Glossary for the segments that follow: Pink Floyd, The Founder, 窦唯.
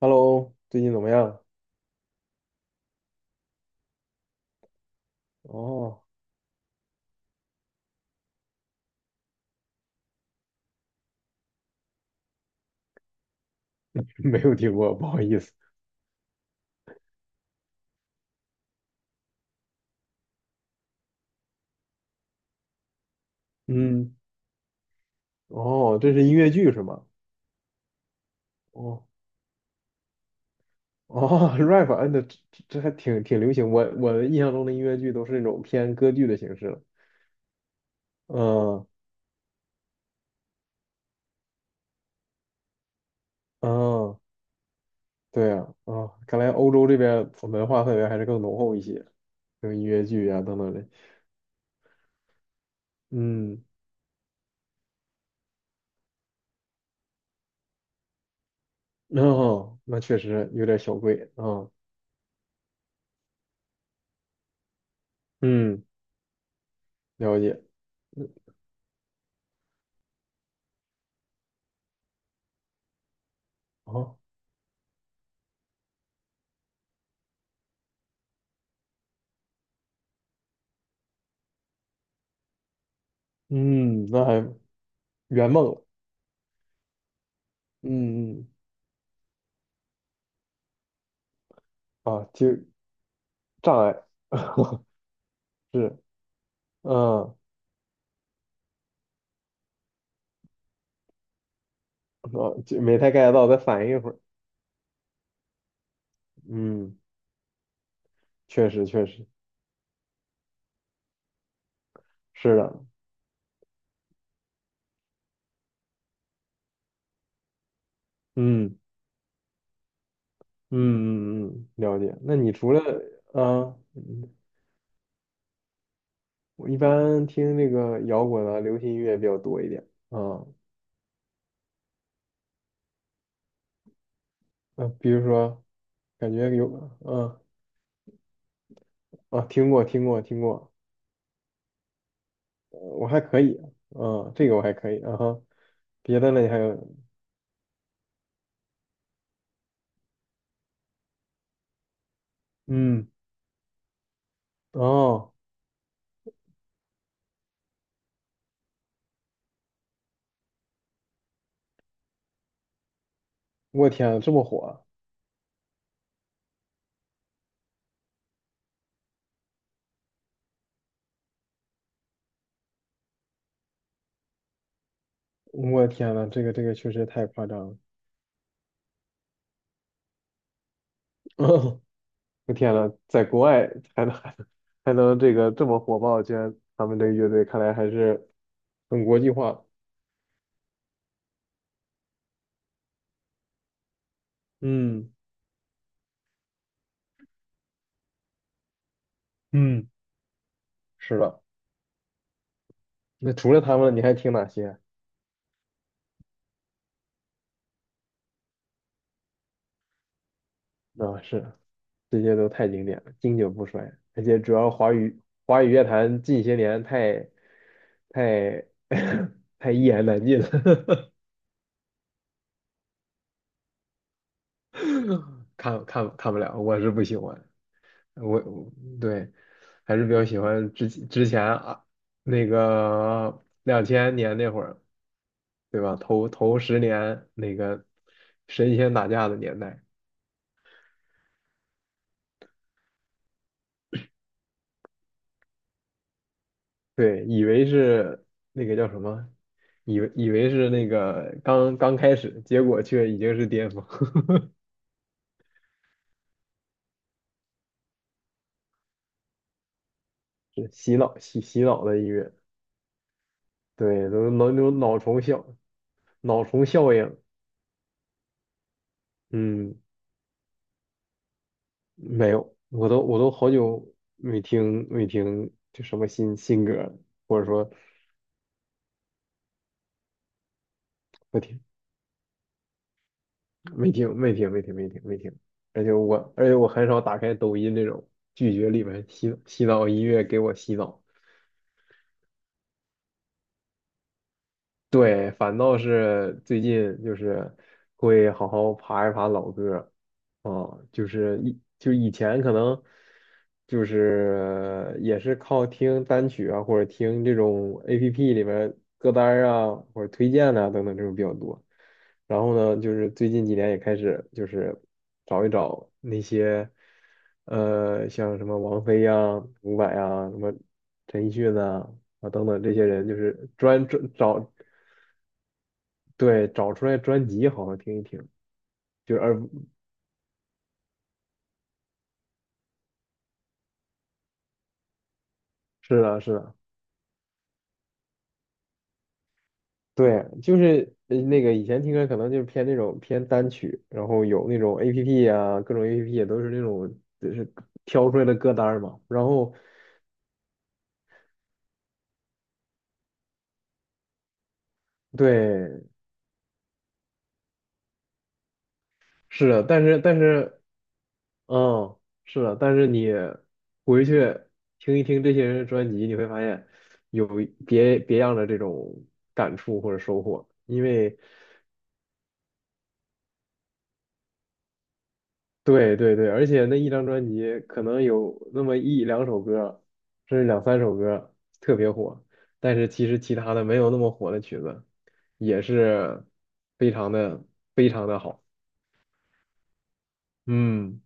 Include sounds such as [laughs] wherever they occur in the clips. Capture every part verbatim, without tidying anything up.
Hello，最近怎么样？哦，[laughs] 没有听过，不好意思。嗯，哦，这是音乐剧是吗？哦哦 [laughs]，rap，嗯，那这这还挺挺流行。我我的印象中的音乐剧都是那种偏歌剧的形式了。嗯嗯，对啊，啊，看来欧洲这边文化氛围还是更浓厚一些，有音乐剧啊等等的。嗯，哦，那确实有点小贵啊。嗯，了解。嗯，哦，嗯，那还圆梦了。嗯嗯。啊，就障碍 [laughs] 是，嗯，哦，就没太 get 到，再反应一会儿。嗯，确实确实是的，嗯嗯嗯嗯，了解。那你除了啊，嗯，我一般听那个摇滚啊、流行音乐比较多一点啊，呃，比如说感觉有，嗯，啊，听过听过听过，呃我还可以，啊，这个我还可以，啊哈，别的呢你还有，嗯，哦，我天啊，这么火。我天呐，这个这个确实太夸张了！[laughs] 我天呐，在国外还能还能还能这个这么火爆，居然他们这个乐队看来还是很国际化。嗯嗯，是的。那除了他们，你还听哪些？啊，是，这些都太经典了，经久不衰。而且主要华语华语乐坛近些年太太 [laughs] 太一言难尽了，[laughs] 看看看不了，我是不喜欢。我我对，还是比较喜欢之之前啊，那个两千年那会儿，对吧？头头十年那个神仙打架的年代，对，以为是那个叫什么，以为以为是那个刚刚开始，结果却已经是巅峰，[laughs] 是洗脑洗洗脑的音乐，对，都能有脑虫效脑虫效应，嗯。没有，我都我都好久没听没听就什么新新歌了，或者说不听没听没听没听没听没听，而且我而且我很少打开抖音这种，拒绝里面洗洗澡音乐给我洗澡。对，反倒是最近就是会好好爬一爬老歌，啊，就是以就以前可能就是也是靠听单曲啊，或者听这种 A P P 里面歌单儿啊，或者推荐啊等等这种比较多。然后呢，就是最近几年也开始就是找一找那些，呃像什么王菲呀、伍佰呀、什么陈奕迅呐啊等等这些人，就是专专找。对，找出来专辑好好听一听，就是而是的，是的，对，就是呃那个以前听歌可能就是偏那种偏单曲，然后有那种 A P P 啊，各种 A P P 也都是那种就是挑出来的歌单儿嘛，然后对，是的，但是但是嗯，是的，但是你回去听一听这些人的专辑，你会发现有别别样的这种感触或者收获，因为。对对对，而且那一张专辑可能有那么一两首歌，甚至两三首歌特别火，但是其实其他的没有那么火的曲子，也是非常的非常的好。嗯。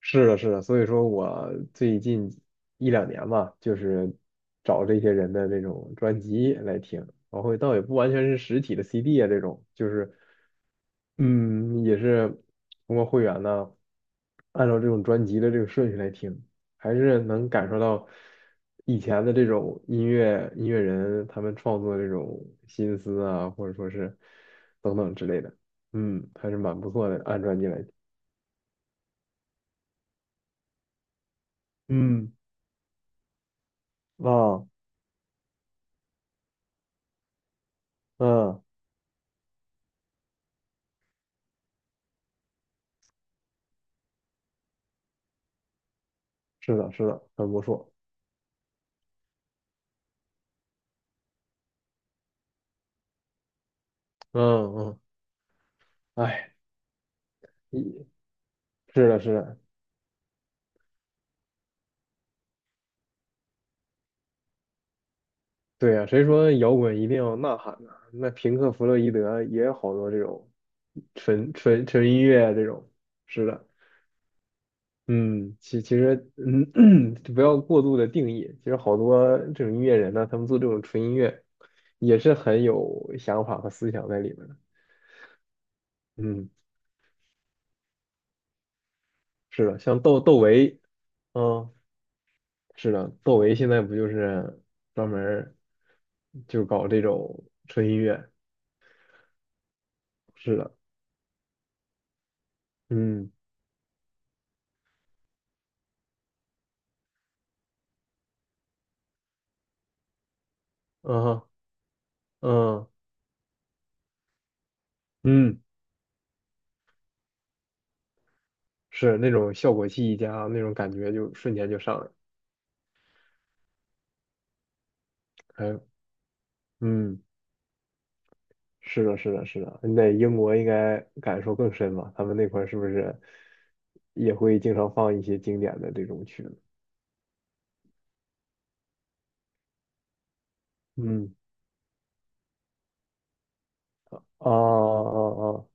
是的，是的，所以说我最近一两年吧，就是找这些人的这种专辑来听，然后倒也不完全是实体的 C D 啊，这种就是，嗯，也是通过会员呢，按照这种专辑的这个顺序来听，还是能感受到以前的这种音乐音乐人他们创作的这种心思啊，或者说是等等之类的，嗯，还是蛮不错的，按专辑来听。嗯，啊，嗯，是的，是的，很不错。嗯嗯，哎，一是的，是的，对呀、谁说摇滚一定要呐喊呢、那平克·弗洛伊德也有好多这种纯纯纯音乐啊这种。是的，嗯，其其实，嗯，[clears throat] 不要过度的定义。其实好多这种音乐人呢，他们做这种纯音乐也是很有想法和思想在里面的。嗯，是的，像窦窦唯，嗯。是的，窦唯现在不就是专门儿就搞这种纯音乐？是的，嗯，嗯哼，嗯嗯，是那种效果器一加，那种感觉就瞬间就上来了。还有，嗯，是的，是的，是的，你在英国应该感受更深吧？他们那块儿是不是也会经常放一些经典的这种曲子？嗯，哦哦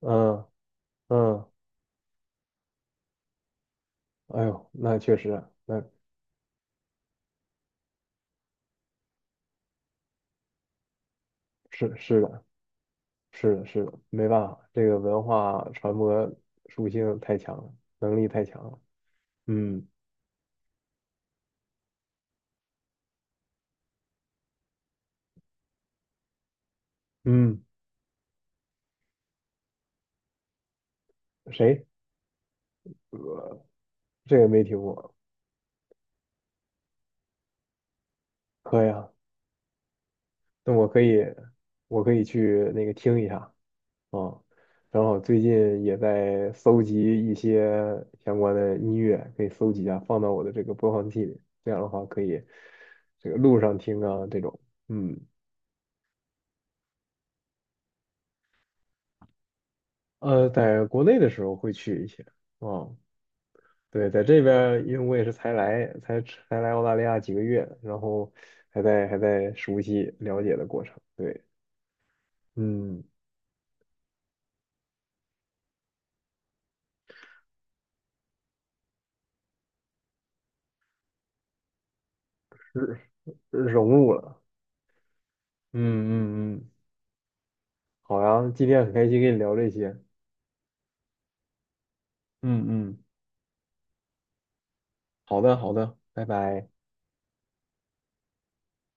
哦，哦，嗯嗯，哎呦，那确实啊，那是是的。是的，是的，没办法，这个文化传播属性太强了，能力太强了。嗯嗯，谁？这个没听过。可以啊，那我可以，我可以去那个听一下啊。然后最近也在搜集一些相关的音乐，可以搜集一下，放到我的这个播放器里。这样的话可以这个路上听啊，这种。嗯，呃，在国内的时候会去一些。啊。对，在这边儿因为我也是才来，才才来，澳大利亚几个月，然后还在还在熟悉了解的过程。对，嗯，融入了。嗯嗯嗯，好呀，今天很开心跟你聊这些。嗯嗯，好的好的，拜拜。